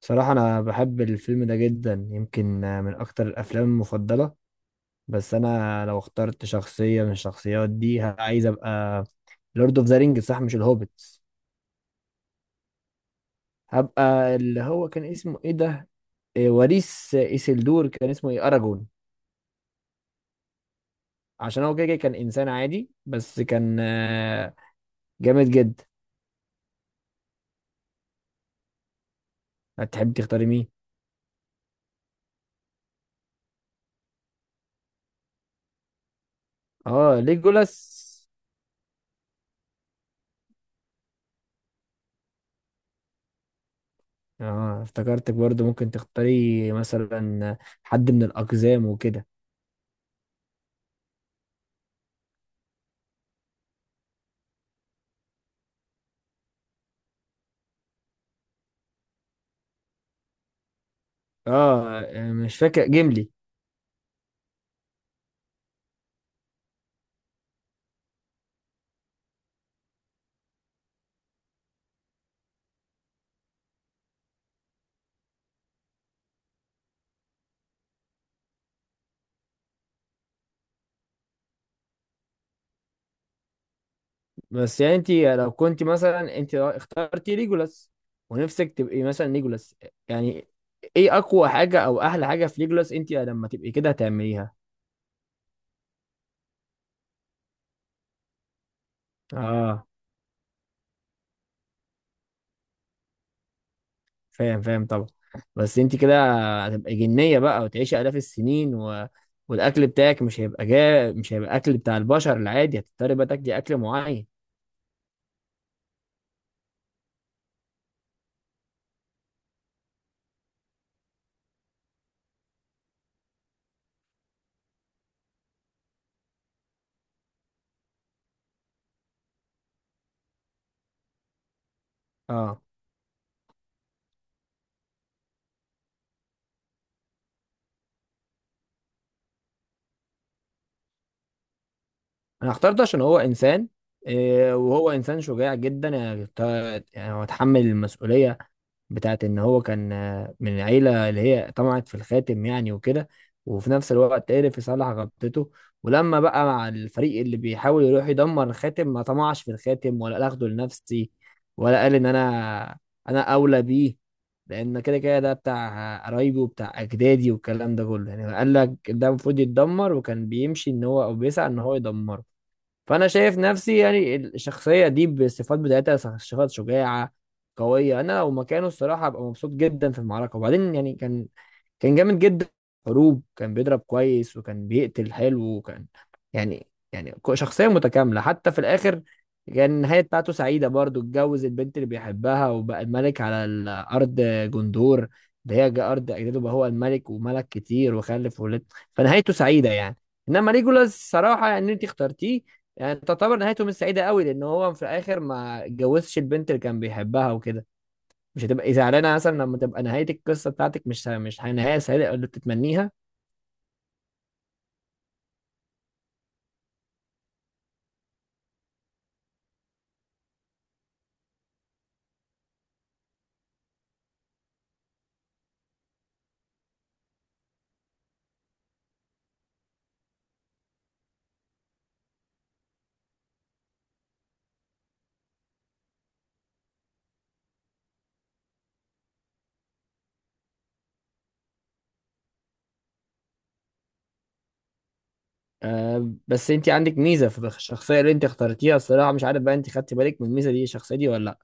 صراحة أنا بحب الفيلم ده جدا، يمكن من أكتر الأفلام المفضلة. بس أنا لو اخترت شخصية من الشخصيات دي عايز أبقى لورد أوف ذا رينج، صح؟ مش الهوبيتس. هبقى اللي هو كان اسمه إيه ده؟ وريث إيسلدور، كان اسمه إيه؟ أراجون. عشان هو كده كده كان إنسان عادي، بس كان جامد جدا. هتحب تختاري مين؟ آه، ليجولاس. آه، افتكرتك برضه ممكن تختاري مثلا حد من الأقزام وكده. اه يعني، مش فاكر، جيملي. بس يعني انت لو كنت مثلا، انت اخترتي ليجولاس ونفسك تبقي مثلا ليجولاس، يعني ايه اقوى حاجة او احلى حاجة في ليجولاس انت لما تبقي كده هتعمليها؟ اه، فاهم فاهم طبعا. بس انت كده هتبقى جنية بقى وتعيشي الاف السنين والاكل بتاعك مش هيبقى مش هيبقى اكل بتاع البشر العادي، هتضطري بقى تاكلي اكل معين. اه. انا اخترته عشان هو انسان، وهو انسان شجاع جدا، يعني يعني هو اتحمل المسؤولية بتاعت ان هو كان من العيله اللي هي طمعت في الخاتم يعني وكده، وفي نفس الوقت عرف يصلح غلطته. ولما بقى مع الفريق اللي بيحاول يروح يدمر الخاتم، ما طمعش في الخاتم، ولا قال اخده لنفسي، ولا قال ان انا اولى بيه لان كده كده ده بتاع قرايبي وبتاع اجدادي والكلام ده كله. يعني قال لك ده المفروض يتدمر، وكان بيمشي ان هو او بيسعى ان هو يدمره. فانا شايف نفسي يعني الشخصيه دي بالصفات بتاعتها شخص شجاعه قويه. انا لو مكانه الصراحه ابقى مبسوط جدا في المعركه، وبعدين يعني كان جامد جدا، حروب. كان بيضرب كويس، وكان بيقتل حلو، وكان يعني، يعني شخصية متكاملة. حتى في الآخر كان النهاية بتاعته سعيدة برضو، اتجوز البنت اللي بيحبها وبقى الملك على الأرض، جندور، اللي هي أرض أجداده. بقى هو الملك، وملك كتير، وخلف وولد، فنهايته سعيدة يعني. إنما ليجولاس صراحة، يعني أنت اخترتيه، يعني تعتبر نهايته مش سعيدة قوي، لأن هو في الآخر ما اتجوزش البنت اللي كان بيحبها وكده. مش هتبقي زعلانه مثلا لما تبقى نهايه القصه بتاعتك مش نهايه سعيده او اللي بتتمنيها؟ آه بس انت عندك ميزه في الشخصيه اللي انت اخترتيها الصراحه، مش عارف بقى انت خدتي بالك من الميزه دي الشخصيه دي ولا لا.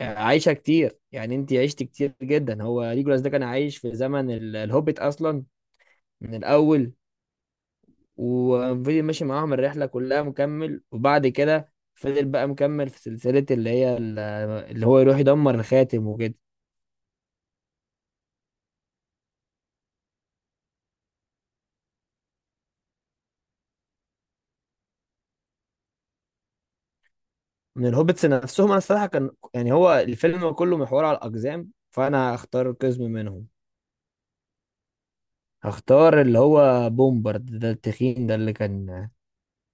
عايشه كتير، يعني انت عشت كتير جدا. هو ليجولاس ده كان عايش في زمن الهوبيت اصلا، من الاول، وفضل ماشي معاهم الرحله كلها مكمل، وبعد كده فضل بقى مكمل في سلسله اللي هي اللي هو يروح يدمر الخاتم وكده. من الهوبتس نفسهم، انا الصراحه كان يعني هو الفيلم كله محور على الاقزام، فانا هختار قزم منهم. هختار اللي هو بومبارد ده، التخين ده، اللي كان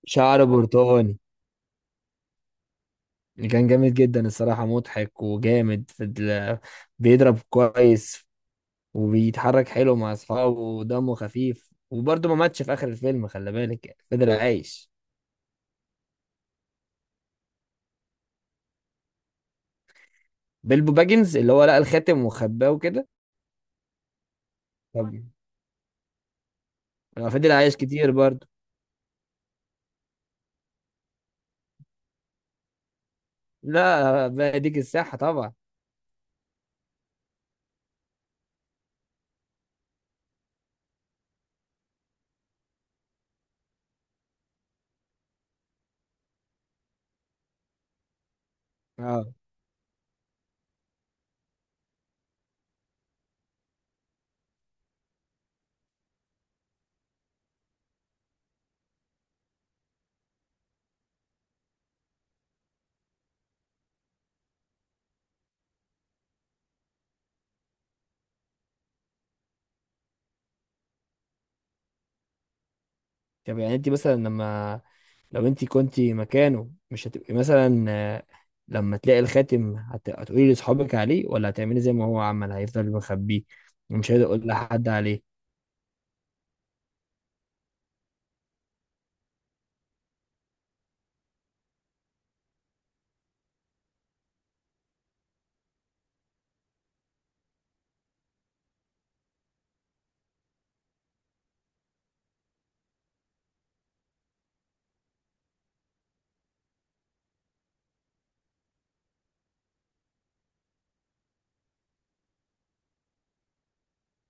شعره برتقاني، اللي كان جامد جدا الصراحه. مضحك وجامد في بيضرب كويس، وبيتحرك حلو مع اصحابه، ودمه خفيف، وبرضه ما ماتش في اخر الفيلم، خلي بالك، يعني فضل عايش. بيلبو باجنز، اللي هو لقى الخاتم وخباه وكده. طب. فضل عايش كتير برضه. لا بقى ديك الساحه طبعا. اه. طب يعني انت مثلا، لما لو انت كنت مكانه مش هتبقي مثلا، لما تلاقي الخاتم هتقولي لاصحابك عليه، ولا هتعملي زي ما هو عمل، هيفضل مخبيه ومش هيقدر يقول لحد عليه؟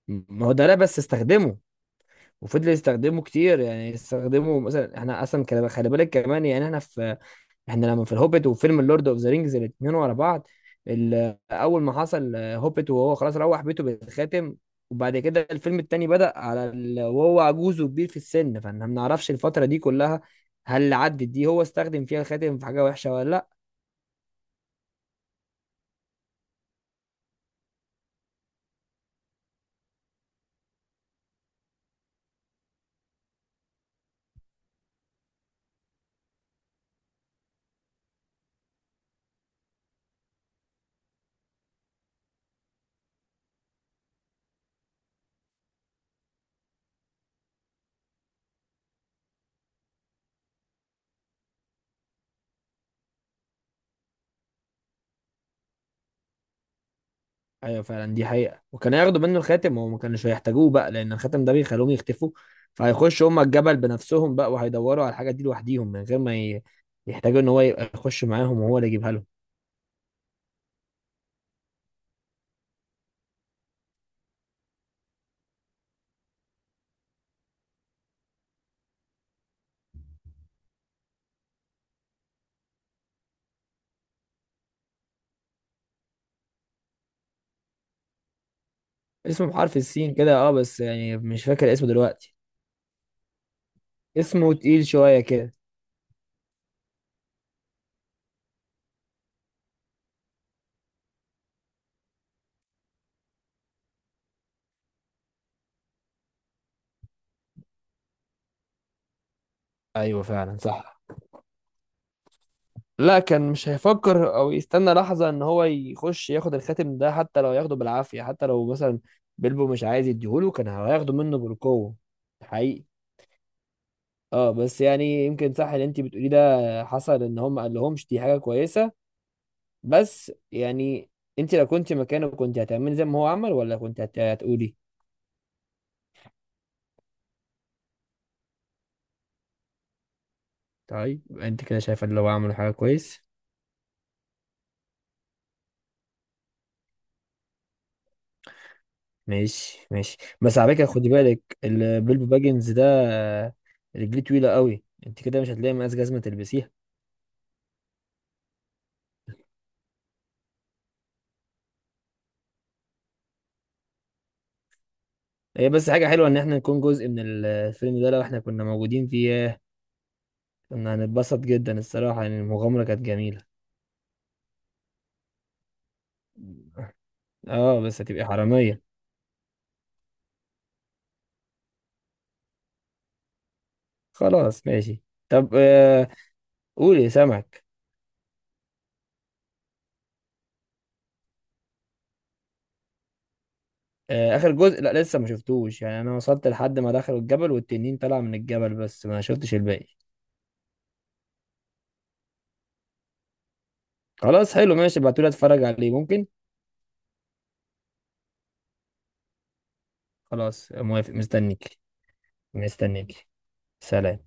ما هو ده، لا بس استخدمه وفضل يستخدمه كتير يعني. استخدمه مثلا، احنا اصلا خلي بالك كمان، يعني احنا لما في الهوبيت وفيلم اللورد اوف ذا رينجز، الاثنين ورا بعض. اول ما حصل هوبيت وهو خلاص روح بيته بالخاتم، وبعد كده الفيلم التاني بدأ على وهو عجوز وكبير في السن، فاحنا ما نعرفش الفترة دي كلها، هل عدت دي هو استخدم فيها الخاتم في حاجة وحشة ولا لا. ايوه فعلا، دي حقيقة. وكان ياخدوا منه الخاتم، وما كانوش هيحتاجوه بقى، لان الخاتم ده بيخلوهم يختفوا، فهيخشوا هم الجبل بنفسهم بقى وهيدوروا على الحاجة دي لوحديهم، من غير ما يحتاجوا ان هو يبقى يخش معاهم وهو اللي يجيبها لهم. اسمه بحرف السين كده، اه، بس يعني مش فاكر اسمه دلوقتي. اسمه تقيل شوية كده. ايوه فعلا، صح. لا، كان مش هيفكر او يستنى لحظة ان هو يخش ياخد الخاتم ده، حتى لو ياخده بالعافية، حتى لو مثلا بيلبو مش عايز يديهوله كان هياخده منه بالقوة. حقيقي. اه، بس يعني يمكن صح اللي انت بتقوليه ده، حصل ان هم ما قالهمش دي حاجة كويسة. بس يعني، انت لو كنت مكانه كنت هتعملي زي ما هو عمل، ولا كنت هتقولي؟ طيب انت كده شايفه ان هو عمل حاجة كويس. ماشي ماشي. بس على فكرة، خدي بالك، البيلبو باجنز ده رجليه طويلة قوي، انت كده مش هتلاقي مقاس جزمة تلبسيها. هي بس حاجة حلوة ان احنا نكون جزء من الفيلم ده، لو احنا كنا موجودين فيه ياه. كنا هنتبسط جدا الصراحة، يعني المغامرة كانت جميلة. اه بس هتبقي حرامية. خلاص، ماشي. طب، آه، قولي سمك. آه، اخر جزء، لا لسه ما شفتوش يعني، انا وصلت لحد ما دخلوا الجبل والتنين طلع من الجبل، بس ما شفتش الباقي. خلاص حلو، ماشي، ابعتولي اتفرج عليه ممكن. خلاص، موافق، مستنيك. مستنيك. سلام.